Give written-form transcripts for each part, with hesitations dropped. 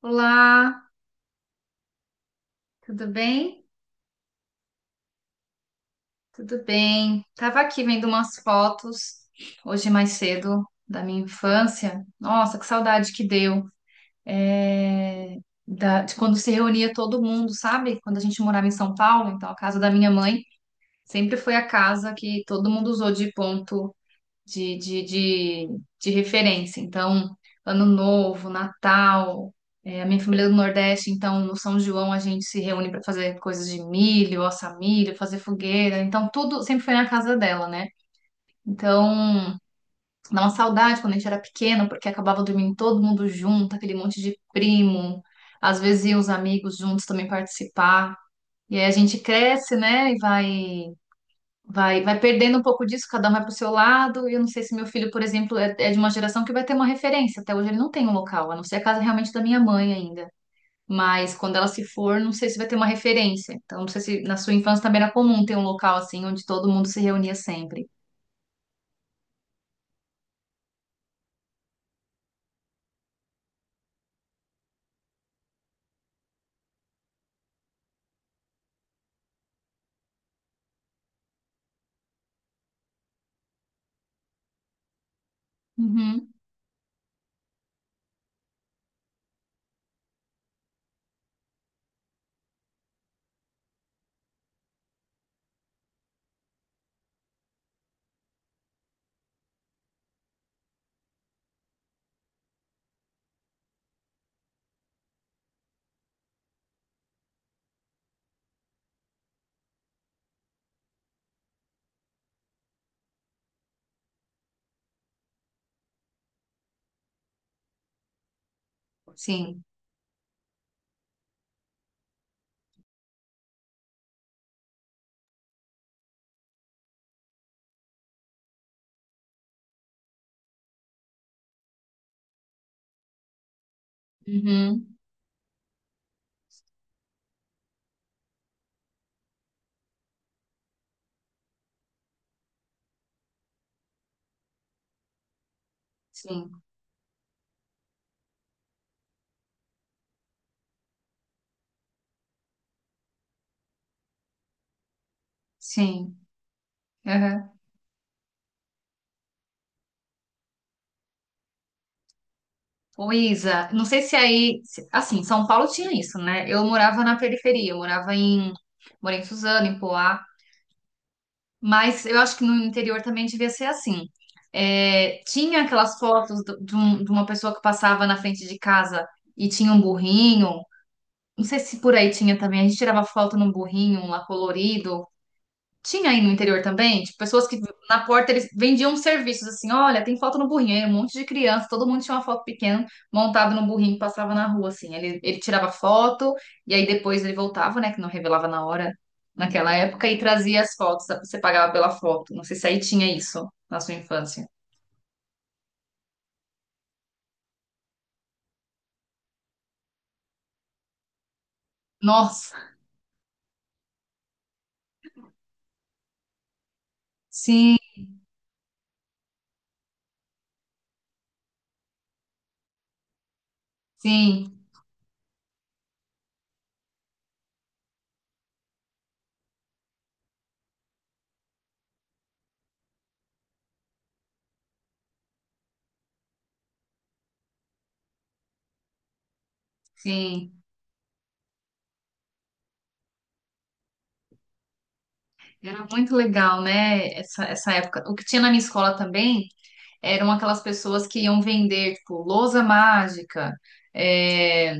Olá, tudo bem? Tudo bem. Tava aqui vendo umas fotos hoje mais cedo da minha infância. Nossa, que saudade que deu. É, de quando se reunia todo mundo, sabe? Quando a gente morava em São Paulo, então a casa da minha mãe sempre foi a casa que todo mundo usou de ponto de, de, de, de referência. Então, Ano Novo, Natal, é, a minha família é do Nordeste, então no São João a gente se reúne para fazer coisas de milho, assar milho, fazer fogueira. Então, tudo sempre foi na casa dela, né? Então, dá uma saudade quando a gente era pequeno, porque acabava dormindo todo mundo junto, aquele monte de primo. Às vezes iam os amigos juntos também participar. E aí a gente cresce, né? Vai, vai perdendo um pouco disso, cada um vai pro seu lado. E eu não sei se meu filho, por exemplo, é de uma geração que vai ter uma referência. Até hoje ele não tem um local, a não ser a casa realmente da minha mãe ainda. Mas quando ela se for, não sei se vai ter uma referência. Então, não sei se na sua infância também era comum ter um local assim, onde todo mundo se reunia sempre. Uhum. Sim. Uhum. Sim. Sim. Uhum. Ô, Isa, não sei se aí. Assim, São Paulo tinha isso, né? Eu morava na periferia, eu morava em. Morei em Suzano, em Poá. Mas eu acho que no interior também devia ser assim. É, tinha aquelas fotos de uma pessoa que passava na frente de casa e tinha um burrinho. Não sei se por aí tinha também. A gente tirava foto num burrinho um lá colorido. Tinha aí no interior também, tipo, pessoas que na porta eles vendiam serviços assim, olha, tem foto no burrinho, aí um monte de criança, todo mundo tinha uma foto pequena montada no burrinho que passava na rua, assim. Ele tirava foto e aí depois ele voltava, né, que não revelava na hora, naquela época, e trazia as fotos, você pagava pela foto. Não sei se aí tinha isso na sua infância. Nossa, sim, sim, sim. Era muito legal, né, essa época. O que tinha na minha escola também eram aquelas pessoas que iam vender, tipo, lousa mágica. é,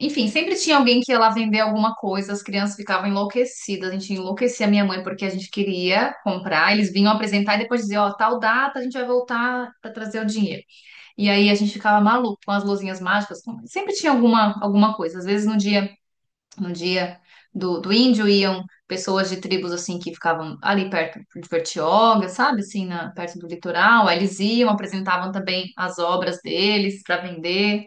Enfim, sempre tinha alguém que ia lá vender alguma coisa, as crianças ficavam enlouquecidas. A gente enlouquecia a minha mãe porque a gente queria comprar. Eles vinham apresentar e depois dizer, ó, tal data a gente vai voltar para trazer o dinheiro. E aí a gente ficava maluco com as luzinhas mágicas. Sempre tinha alguma, alguma coisa. Às vezes no dia no dia do, do índio iam pessoas de tribos assim que ficavam ali perto de Bertioga, sabe? Assim, na, perto do litoral. Aí eles iam, apresentavam também as obras deles para vender.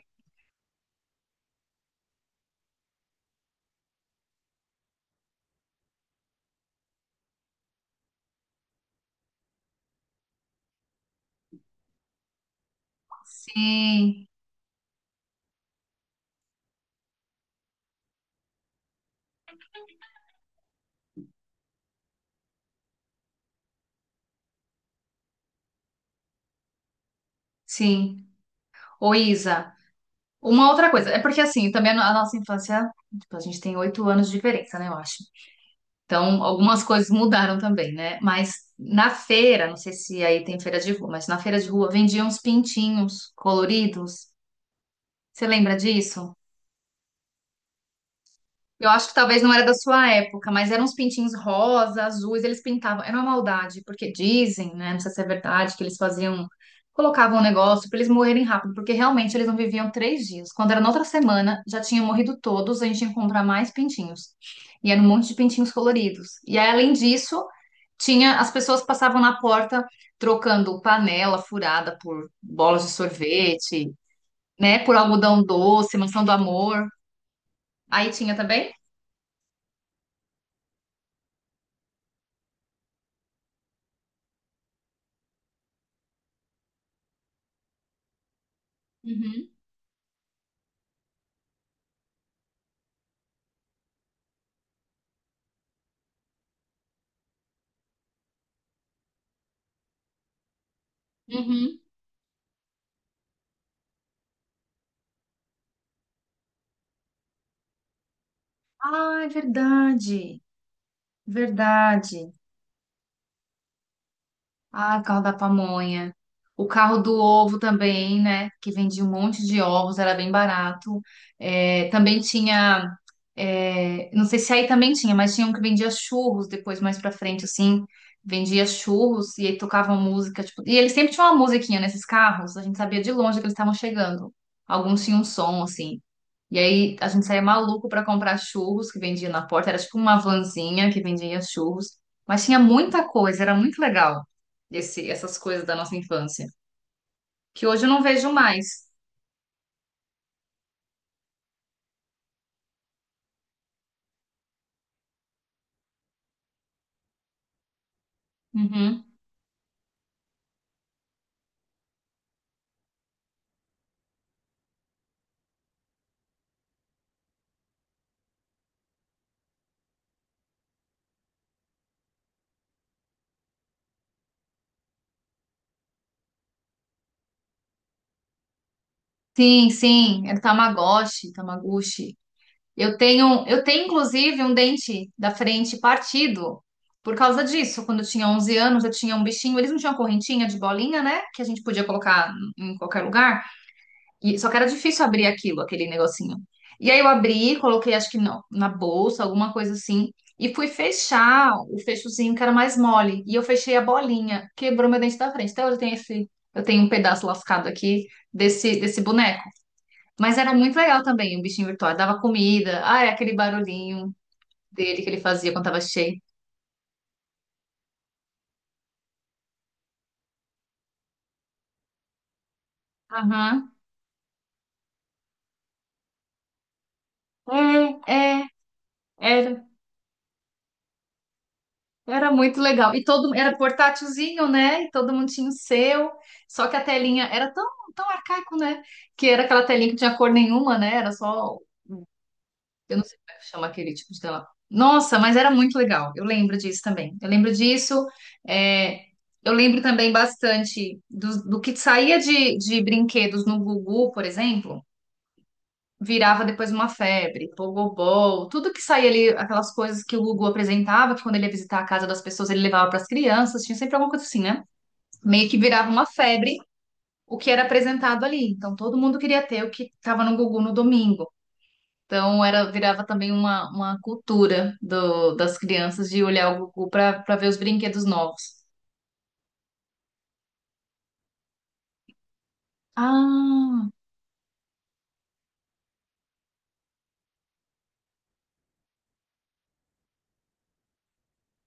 Sim, sim. Ô, Isa, uma outra coisa, é porque assim, também a nossa infância, tipo, a gente tem 8 anos de diferença, né, eu acho. Então, algumas coisas mudaram também, né? Mas na feira, não sei se aí tem feira de rua, mas na feira de rua vendiam uns pintinhos coloridos. Você lembra disso? Eu acho que talvez não era da sua época, mas eram uns pintinhos rosa, azuis, eles pintavam. Era uma maldade, porque dizem, né? Não sei se é verdade, que eles faziam, colocavam um negócio para eles morrerem rápido, porque realmente eles não viviam 3 dias. Quando era na outra semana, já tinham morrido todos, a gente ia comprar mais pintinhos. E era um monte de pintinhos coloridos. E aí, além disso, tinha, as pessoas passavam na porta trocando panela furada por bolas de sorvete, né? Por algodão doce, mansão do amor. Aí tinha também? Uhum. Uhum. Ah, é verdade. Verdade. Ah, o carro da pamonha. O carro do ovo também, né? Que vendia um monte de ovos, era bem barato. É, também tinha. Não sei se aí também tinha, mas tinha um que vendia churros depois, mais pra frente, assim. Vendia churros e aí tocavam música. Tipo, e eles sempre tinham uma musiquinha nesses carros, a gente sabia de longe que eles estavam chegando. Alguns tinham um som, assim. E aí a gente saía maluco pra comprar churros que vendia na porta. Era tipo uma vanzinha que vendia churros. Mas tinha muita coisa, era muito legal essas coisas da nossa infância. Que hoje eu não vejo mais. Uhum. Sim, sim, era Tamagotchi, Tamaguchi. Eu tenho inclusive um dente da frente partido por causa disso. Quando eu tinha 11 anos, eu tinha um bichinho, eles não tinham correntinha de bolinha, né? Que a gente podia colocar em qualquer lugar. E, só que era difícil abrir aquilo, aquele negocinho. E aí eu abri, coloquei, acho que não, na bolsa, alguma coisa assim, e fui fechar o fechozinho que era mais mole. E eu fechei a bolinha, quebrou meu dente da frente. Até hoje eu tenho esse, eu tenho um pedaço lascado aqui desse boneco. Mas era muito legal também, um bichinho virtual. Dava comida, ah, é aquele barulhinho dele que ele fazia quando tava cheio. Aham. É, é, era. Era muito legal. E todo era portátilzinho, né? E todo mundo tinha o seu. Só que a telinha era tão, tão arcaico, né? Que era aquela telinha que não tinha cor nenhuma, né? Era só, eu não sei como é que chama aquele tipo de tela. Nossa, mas era muito legal. Eu lembro disso também. Eu lembro disso. é, eu lembro também bastante do que saía de brinquedos no Gugu, por exemplo virava depois uma febre, pogobol, tudo que saía ali, aquelas coisas que o Gugu apresentava, que quando ele ia visitar a casa das pessoas ele levava para as crianças, tinha sempre alguma coisa assim, né? Meio que virava uma febre o que era apresentado ali. Então todo mundo queria ter o que estava no Gugu no domingo. Então era virava também uma cultura do, das crianças de olhar o Gugu para ver os brinquedos novos. Ah,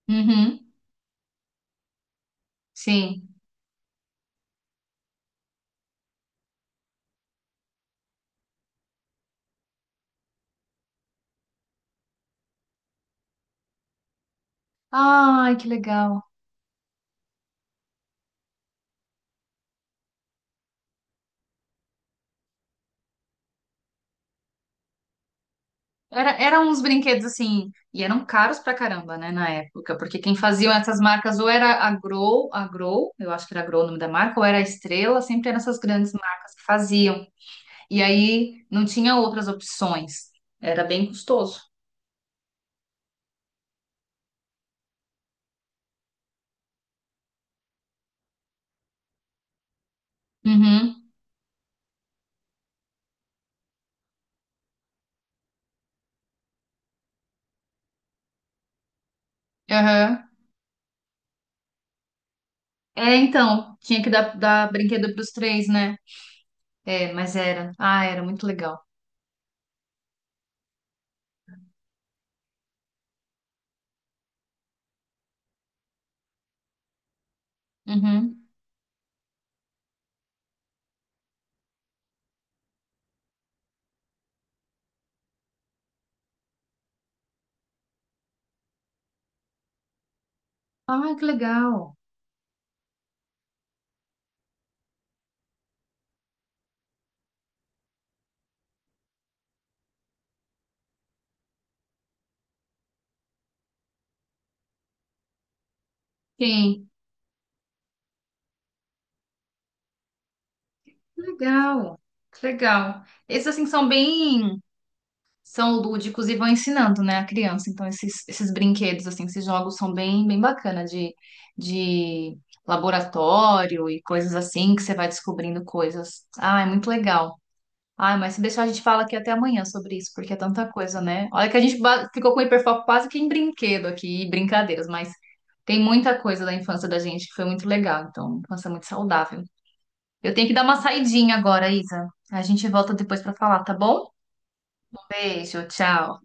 uhum, sim. Ai, que legal. Era, eram uns brinquedos assim, e eram caros pra caramba, né, na época, porque quem faziam essas marcas ou era a Grow, eu acho que era a Grow o nome da marca, ou era a Estrela, sempre eram essas grandes marcas que faziam. E aí não tinha outras opções, era bem custoso. Uhum, aham. É, então, tinha que dar, dar brinquedo pros três, né? É, mas era, ah, era muito legal. Uhum. Ah, que legal. Sim, que legal, que legal. Esses assim são bem são lúdicos e vão ensinando, né, a criança. Então, esses, esses brinquedos, assim, esses jogos são bem, bem bacana de laboratório e coisas assim, que você vai descobrindo coisas. Ah, é muito legal. Ah, mas se deixar, a gente fala aqui até amanhã sobre isso, porque é tanta coisa, né? Olha que a gente ficou com hiperfoco quase que em brinquedo aqui, e brincadeiras, mas tem muita coisa da infância da gente que foi muito legal, então, infância muito saudável. Eu tenho que dar uma saidinha agora, Isa. A gente volta depois pra falar, tá bom? Beijo, tchau.